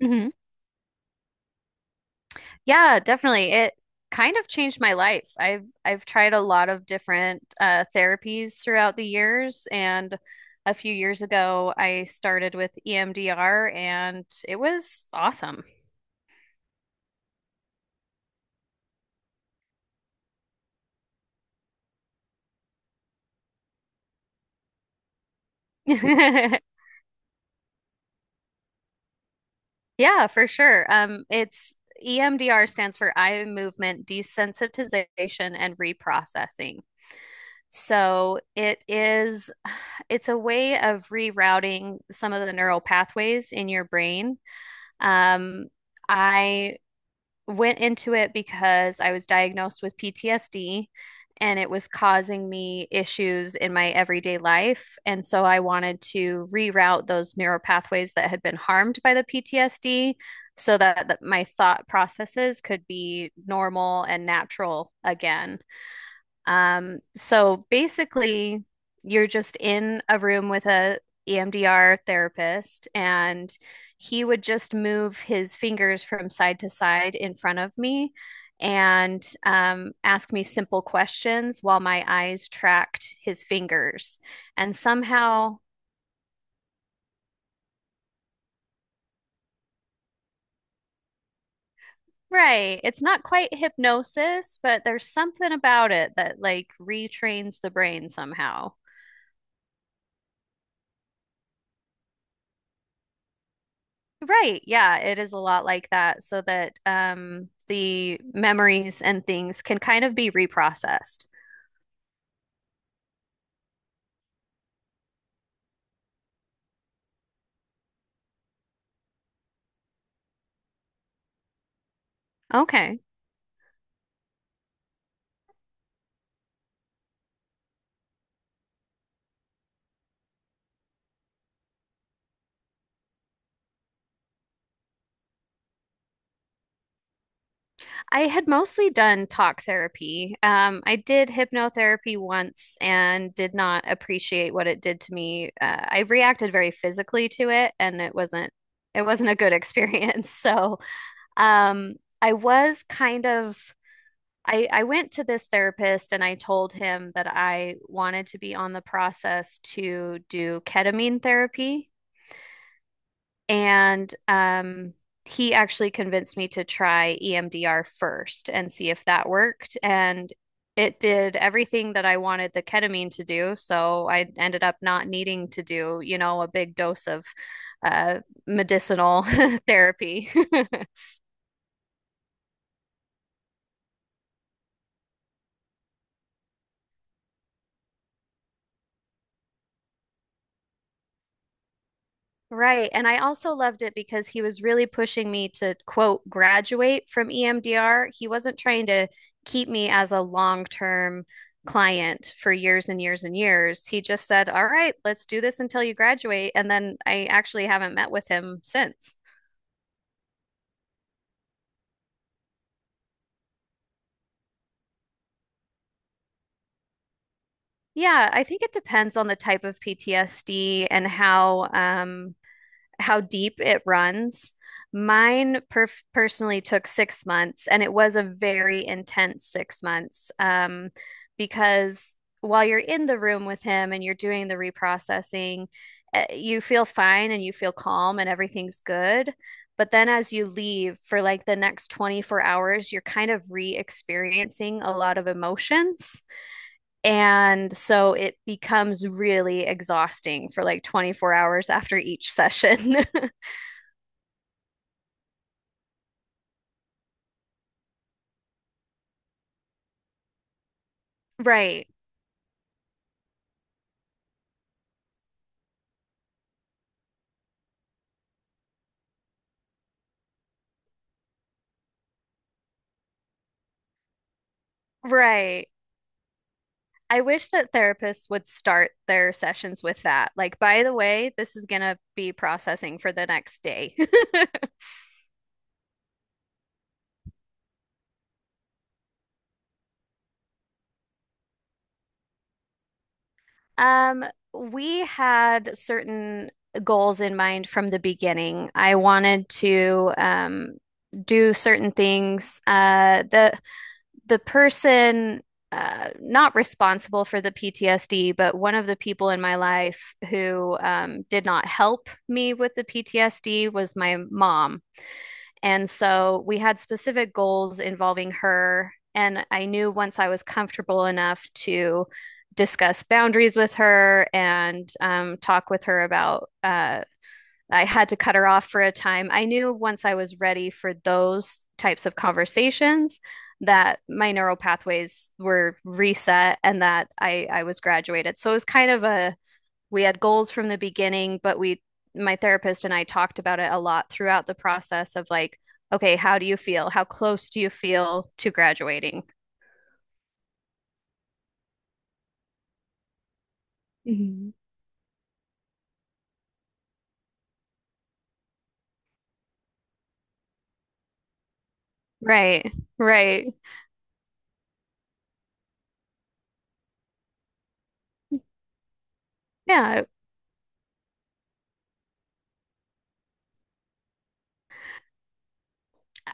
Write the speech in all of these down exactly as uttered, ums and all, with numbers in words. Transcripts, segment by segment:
Hmm, yeah, definitely. It kind of changed my life. I've I've tried a lot of different uh, therapies throughout the years, and a few years ago, I started with E M D R, and it was awesome. Yeah, for sure. Um, it's E M D R stands for eye movement desensitization and reprocessing. So it is, it's a way of rerouting some of the neural pathways in your brain. Um, I went into it because I was diagnosed with P T S D and it was causing me issues in my everyday life. And so I wanted to reroute those neural pathways that had been harmed by the P T S D so that, that my thought processes could be normal and natural again. Um, so basically, you're just in a room with a E M D R therapist, and he would just move his fingers from side to side in front of me and um, ask me simple questions while my eyes tracked his fingers. And somehow, right, it's not quite hypnosis, but there's something about it that like retrains the brain somehow. Right. Yeah, it is a lot like that so that um the memories and things can kind of be reprocessed. Okay. I had mostly done talk therapy. Um, I did hypnotherapy once and did not appreciate what it did to me. Uh, I reacted very physically to it and it wasn't it wasn't a good experience. So, um, I was kind of I, I went to this therapist and I told him that I wanted to be on the process to do ketamine therapy. And um, he actually convinced me to try E M D R first and see if that worked. And it did everything that I wanted the ketamine to do. So I ended up not needing to do, you know, a big dose of uh, medicinal therapy. Right. And I also loved it because he was really pushing me to, quote, graduate from E M D R. He wasn't trying to keep me as a long-term client for years and years and years. He just said, "All right, let's do this until you graduate." And then I actually haven't met with him since. Yeah, I think it depends on the type of P T S D and how, um, how deep it runs. Mine per personally took six months, and it was a very intense six months um, because while you're in the room with him and you're doing the reprocessing, eh, you feel fine and you feel calm and everything's good. But then as you leave for like the next twenty-four hours, you're kind of re-experiencing a lot of emotions. And so it becomes really exhausting for like twenty-four hours after each session. Right, right. I wish that therapists would start their sessions with that. Like, by the way, this is going to be processing for the next day. Um, we had certain goals in mind from the beginning. I wanted to um, do certain things. Uh, the the person uh, not responsible for the P T S D, but one of the people in my life who um, did not help me with the P T S D was my mom. And so we had specific goals involving her. And I knew once I was comfortable enough to discuss boundaries with her and um, talk with her about uh, I had to cut her off for a time. I knew once I was ready for those types of conversations that my neural pathways were reset and that I, I was graduated. So it was kind of a, we had goals from the beginning, but we, my therapist and I talked about it a lot throughout the process of like, okay, how do you feel? How close do you feel to graduating? Right, right. Yeah,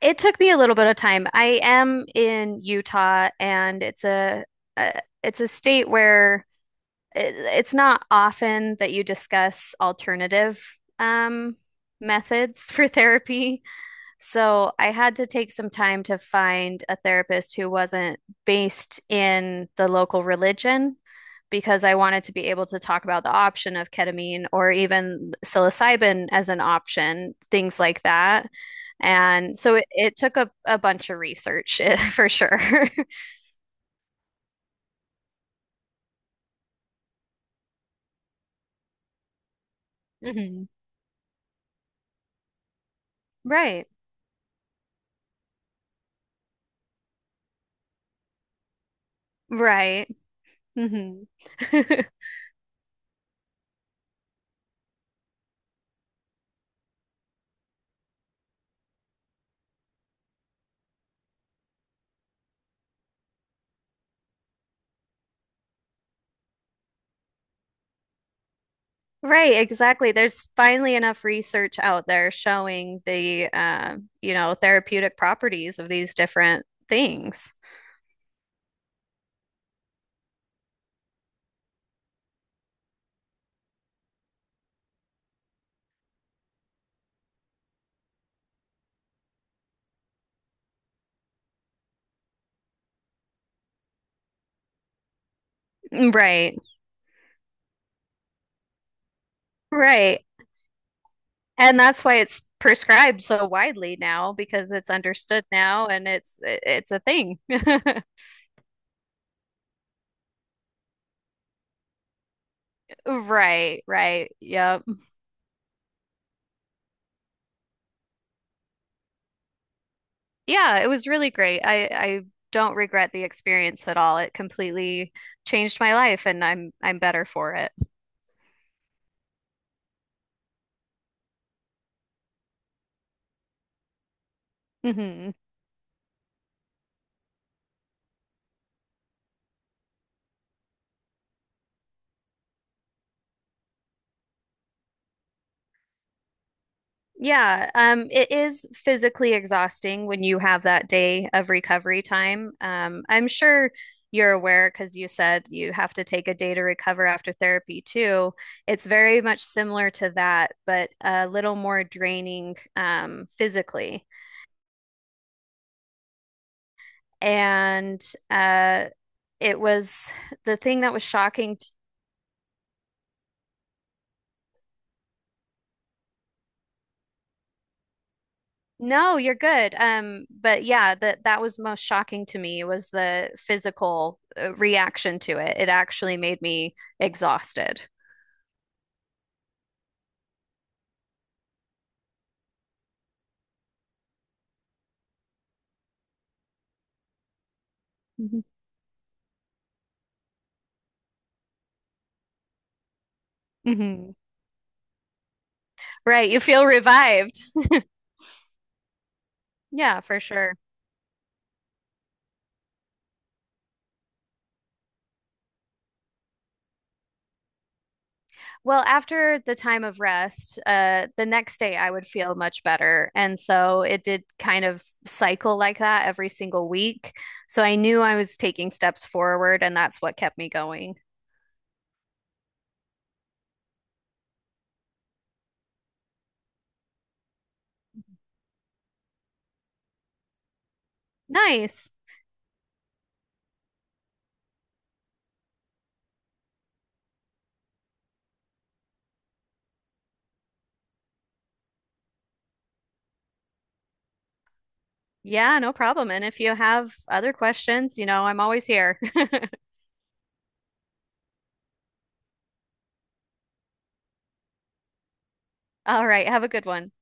it took me a little bit of time. I am in Utah, and it's a, a it's a state where it, it's not often that you discuss alternative um, methods for therapy. So I had to take some time to find a therapist who wasn't based in the local religion because I wanted to be able to talk about the option of ketamine or even psilocybin as an option, things like that. And so it, it took a, a bunch of research for sure. Hmm. Right. Right. Hmm. Right, exactly. There's finally enough research out there showing the, uh, you know, therapeutic properties of these different things. Mm, right, right. And that's why it's prescribed so widely now because it's understood now and it's it's a thing. Right, right. Yep. Yeah, it was really great. I I don't regret the experience at all. It completely changed my life and I'm I'm better for it. Hmm. Yeah, um, it is physically exhausting when you have that day of recovery time. Um, I'm sure you're aware because you said you have to take a day to recover after therapy too. It's very much similar to that, but a little more draining um, physically. And uh, it was the thing that was shocking. No, you're good. Um, but yeah, that that was most shocking to me was the physical uh, reaction to it. It actually made me exhausted. Mhm. Hmm. Right, you feel revived. Yeah, for sure. Well, after the time of rest, uh, the next day I would feel much better. And so it did kind of cycle like that every single week. So I knew I was taking steps forward, and that's what kept me going. Nice. Yeah, no problem. And if you have other questions, you know, I'm always here. All right, have a good one.